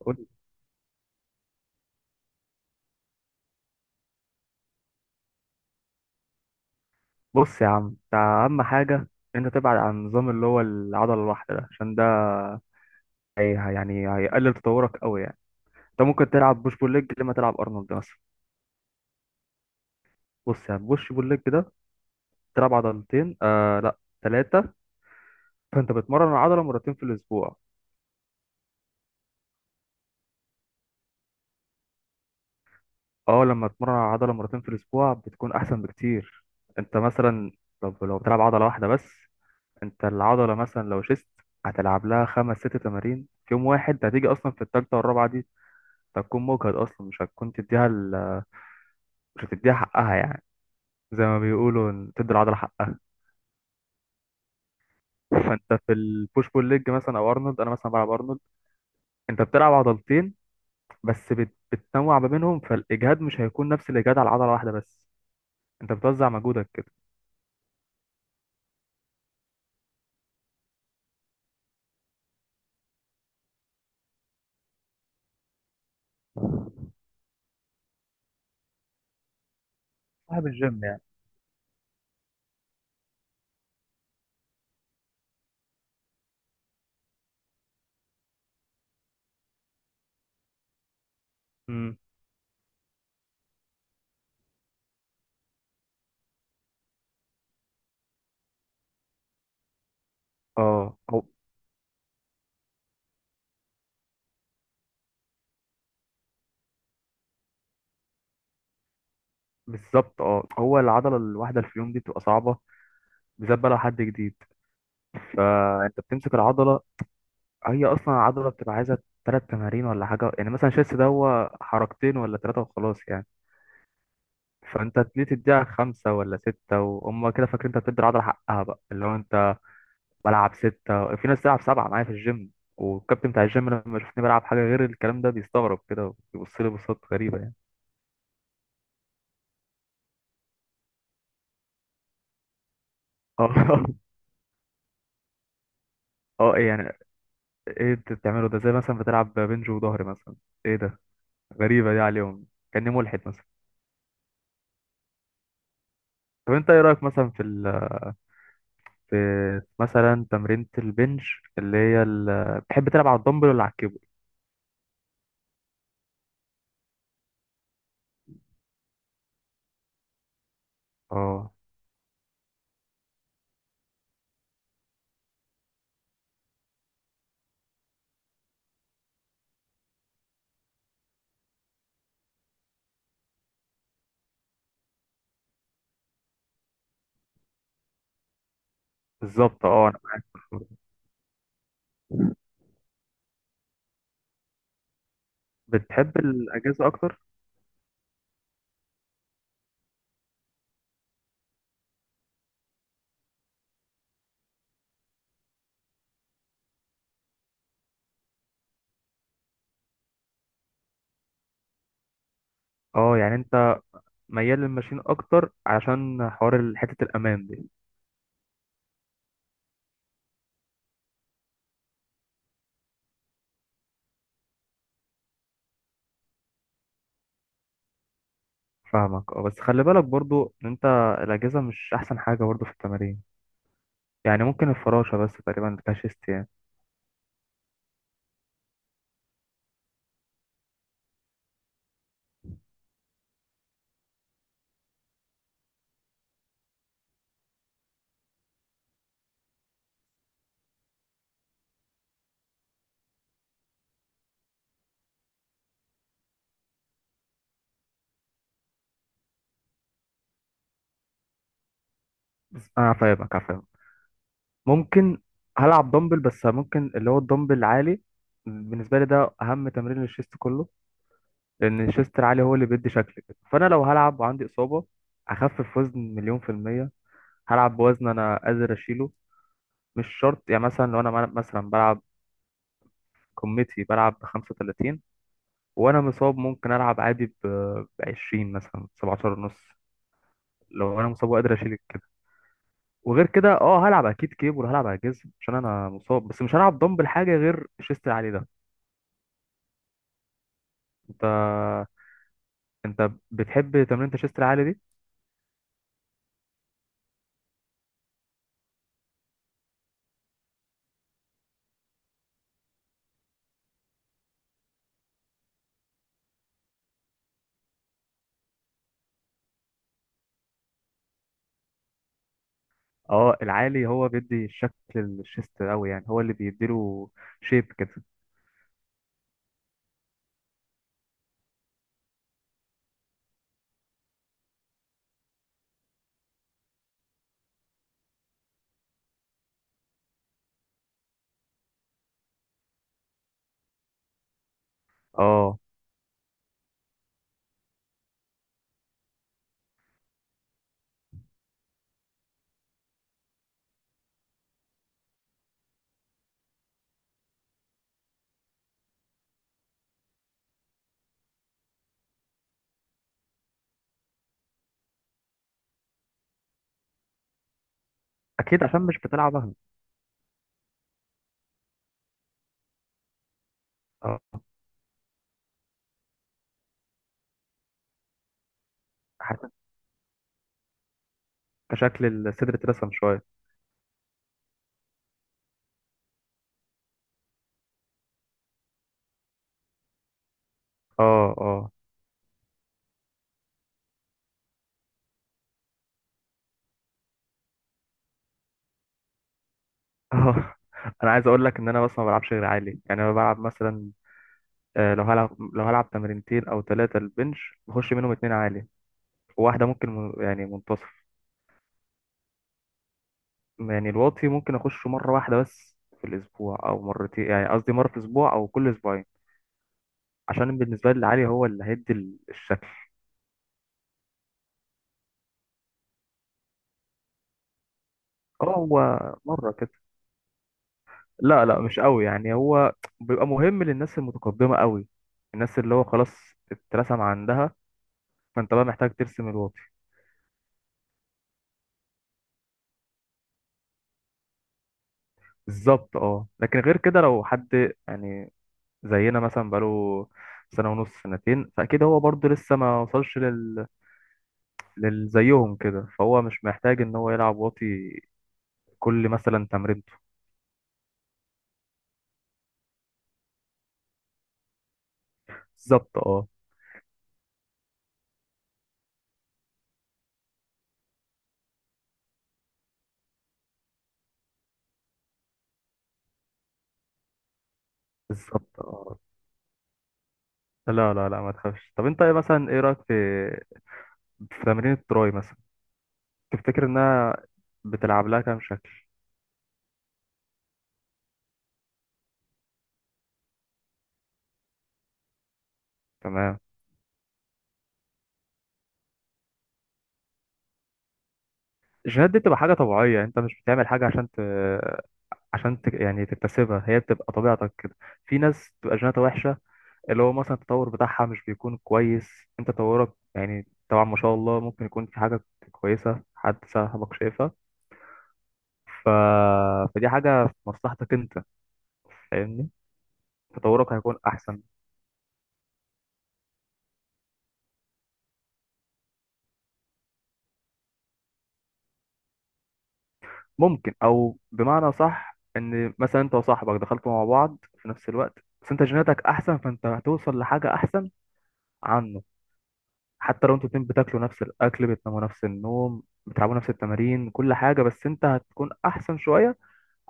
قول- بص يا عم، انت اهم حاجه. انت تبعد عن النظام اللي هو العضله الواحده ده، عشان ده هي يعني هيقلل تطورك قوي يعني. انت ممكن تلعب بوش بول ليج لما تلعب ارنولد مثلا. بص يعني بوش بول ليج ده تلعب عضلتين، آه لا ثلاثه. فانت بتمرن العضله مرتين في الاسبوع. اه، لما تمرن العضله مرتين في الاسبوع بتكون احسن بكتير. انت مثلا، طب لو بتلعب عضله واحده بس، انت العضله مثلا لو شست هتلعب لها خمس ست تمارين في يوم واحد، هتيجي اصلا في التالتة والرابعة دي هتكون مجهد اصلا، مش هتكون تديها مش هتديها حقها يعني. زي ما بيقولوا إن تدي العضله حقها. فانت في البوش بول ليج مثلا او ارنولد، انا مثلا بلعب ارنولد. انت بتلعب عضلتين بس بتنوع ما بينهم، فالاجهاد مش هيكون نفس الاجهاد على عضله واحده بس. انت بتوزع مجهودك كده. صاحب الجيم يعني. امم، اه هو. بالظبط اه، هو العضله الواحده اللي في اليوم دي بتبقى صعبه، بالذات بقى لو حد جديد. فانت بتمسك العضله، هي اصلا العضله بتبقى عايزه ثلاث تمارين ولا حاجه يعني، مثلا شيست ده هو حركتين ولا ثلاثه وخلاص يعني. فانت ليه تديها خمسه ولا سته، وهم كده فاكرين انت بتدي العضله حقها بقى، اللي هو انت بلعب سته، في ناس تلعب سبعه معايا في الجيم. والكابتن بتاع الجيم لما يشوفني بلعب حاجه غير الكلام ده بيستغرب كده، وبيبص لي بصات غريبه يعني. اه، اه ايه يعني. ايه انت بتعمله ده؟ زي مثلا بتلعب بنج وظهر مثلا. ايه ده؟ غريبه دي عليهم، كاني ملحد مثلا. طب انت ايه رايك مثلا في ال، في مثلا تمرينة البنش، اللي هي بتحب تلعب على الدمبل ولا على الكيبل؟ اه، بالظبط اه، انا معاك. برضه. بتحب الاجهزه اكتر؟ اه، يعني انت ميال للماشين اكتر علشان حوار حته الامان دي. فاهمك، اه، بس خلي بالك برضو ان انت الاجهزه مش احسن حاجه برضو في التمارين، يعني ممكن الفراشه بس تقريبا اللي فيها شيست يعني. بس انا فاهمك، أنا فاهمك. ممكن هلعب دمبل، بس ممكن اللي هو الدمبل العالي. بالنسبه لي ده اهم تمرين للشيست كله، لان شيستر عالي هو اللي بيدي شكل كده. فانا لو هلعب وعندي اصابه اخفف وزن مليون في الميه، هلعب بوزن انا قادر اشيله. مش شرط يعني، مثلا لو انا مثلا بلعب كوميتي بلعب ب 35، وانا مصاب ممكن العب عادي ب 20، مثلا 17 ونص، لو انا مصاب وقادر اشيل كده. وغير كده اه هلعب اكيد كيبل، هلعب على جزم عشان انا مصاب، بس مش هلعب دمبل حاجه غير شيستر عالي ده. انت، انت بتحب تمرين شيستر عالي دي؟ اه، العالي هو بيدي الشكل الشيست قوي، يعني هو اللي بيديله شيب كده. اه، اكيد عشان مش بتلعب وهمي. اه حاسس، كشكل الصدر اترسم شويه. اه اه اه. انا عايز اقول لك ان انا بس ما بلعبش غير عالي يعني، انا بلعب مثلا، آه، لو هلعب لو هلعب تمرينتين او ثلاثه البنش بخش منهم اتنين عالي، وواحده ممكن يعني منتصف. يعني الواطي ممكن اخشه مره واحده بس في الاسبوع او مرتين، يعني قصدي مره في الاسبوع او كل اسبوعين، عشان بالنسبه لي العالي هو اللي هيدي الشكل. اه، هو مرة كده، لا لا مش قوي يعني، هو بيبقى مهم للناس المتقدمة قوي، الناس اللي هو خلاص اترسم عندها، فانت بقى محتاج ترسم الواقي. بالظبط اه، لكن غير كده لو حد يعني زينا مثلا، بقاله سنة ونص سنتين، فأكيد هو برضه لسه ما وصلش للزيهم كده، فهو مش محتاج إن هو يلعب واطي كل مثلا تمرينته. بالظبط اه، بالظبط اه. لا لا لا، ما تخافش. طب انت ايه مثلا، ايه رأيك في، في تمرين التراي مثلا، تفتكر انها بتلعب لها كام شكل؟ تمام. الجينات دي بتبقى حاجه طبيعيه، انت مش بتعمل حاجه يعني تكتسبها، هي بتبقى طبيعتك كده. في ناس بتبقى جيناتها وحشه، اللي هو مثلا التطور بتاعها مش بيكون كويس. انت تطورك يعني طبعا ما شاء الله ممكن يكون في حاجه كويسه، حد صاحبك شايفها، ف... فدي حاجه في مصلحتك انت. فاهمني؟ تطورك هيكون احسن. ممكن، او بمعنى صح، ان مثلا انت وصاحبك دخلتوا مع بعض في نفس الوقت، بس انت جيناتك احسن فانت هتوصل لحاجه احسن عنه. حتى لو انتوا الاتنين بتاكلوا نفس الاكل، بتناموا نفس النوم، بتلعبوا نفس التمارين، كل حاجه، بس انت هتكون احسن شويه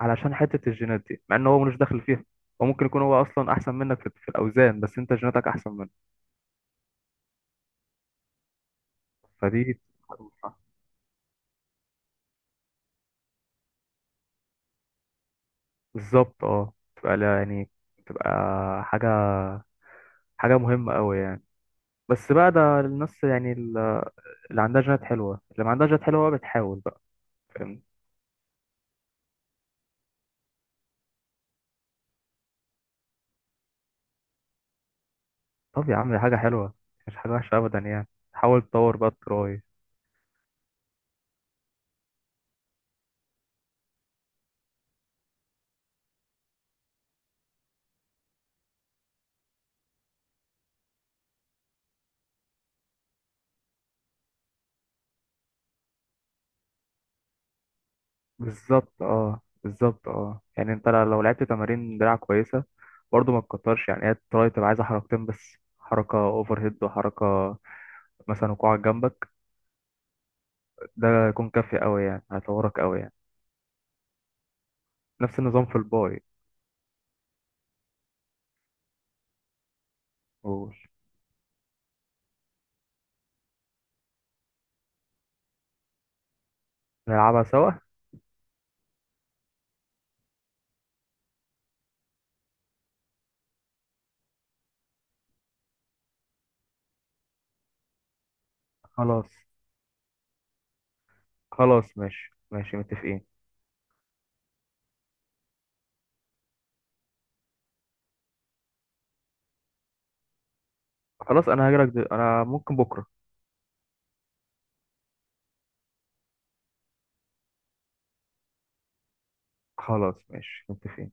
علشان حته الجينات دي، مع ان هو ملوش دخل فيها. وممكن يكون هو اصلا احسن منك في الاوزان، بس انت جيناتك احسن منه. فدي بالظبط اه. تبقى لا يعني، تبقى حاجه حاجه مهمه قوي يعني، بس بقى ده الناس يعني اللي عندها جينات حلوة، اللي ما عندهاش جينات حلوة بقى بتحاول بقى، فاهم. طب يا عم، دي حاجة حلوة مش حاجة وحشة أبدا يعني. حاول تطور بقى التراي. بالظبط اه، بالظبط اه، يعني انت لو لعبت تمارين دراع كويسة برضه ما تكترش، يعني هي التراي تبقى عايزة حركتين بس، حركة اوفر هيد وحركة مثلا وقوعك جنبك، ده يكون كافي قوي يعني، هيطورك قوي يعني. نفس النظام في الباي. قول. نلعبها سوا. خلاص، خلاص ماشي ماشي متفقين. خلاص انا هجيلك انا ممكن بكرة. خلاص ماشي متفقين.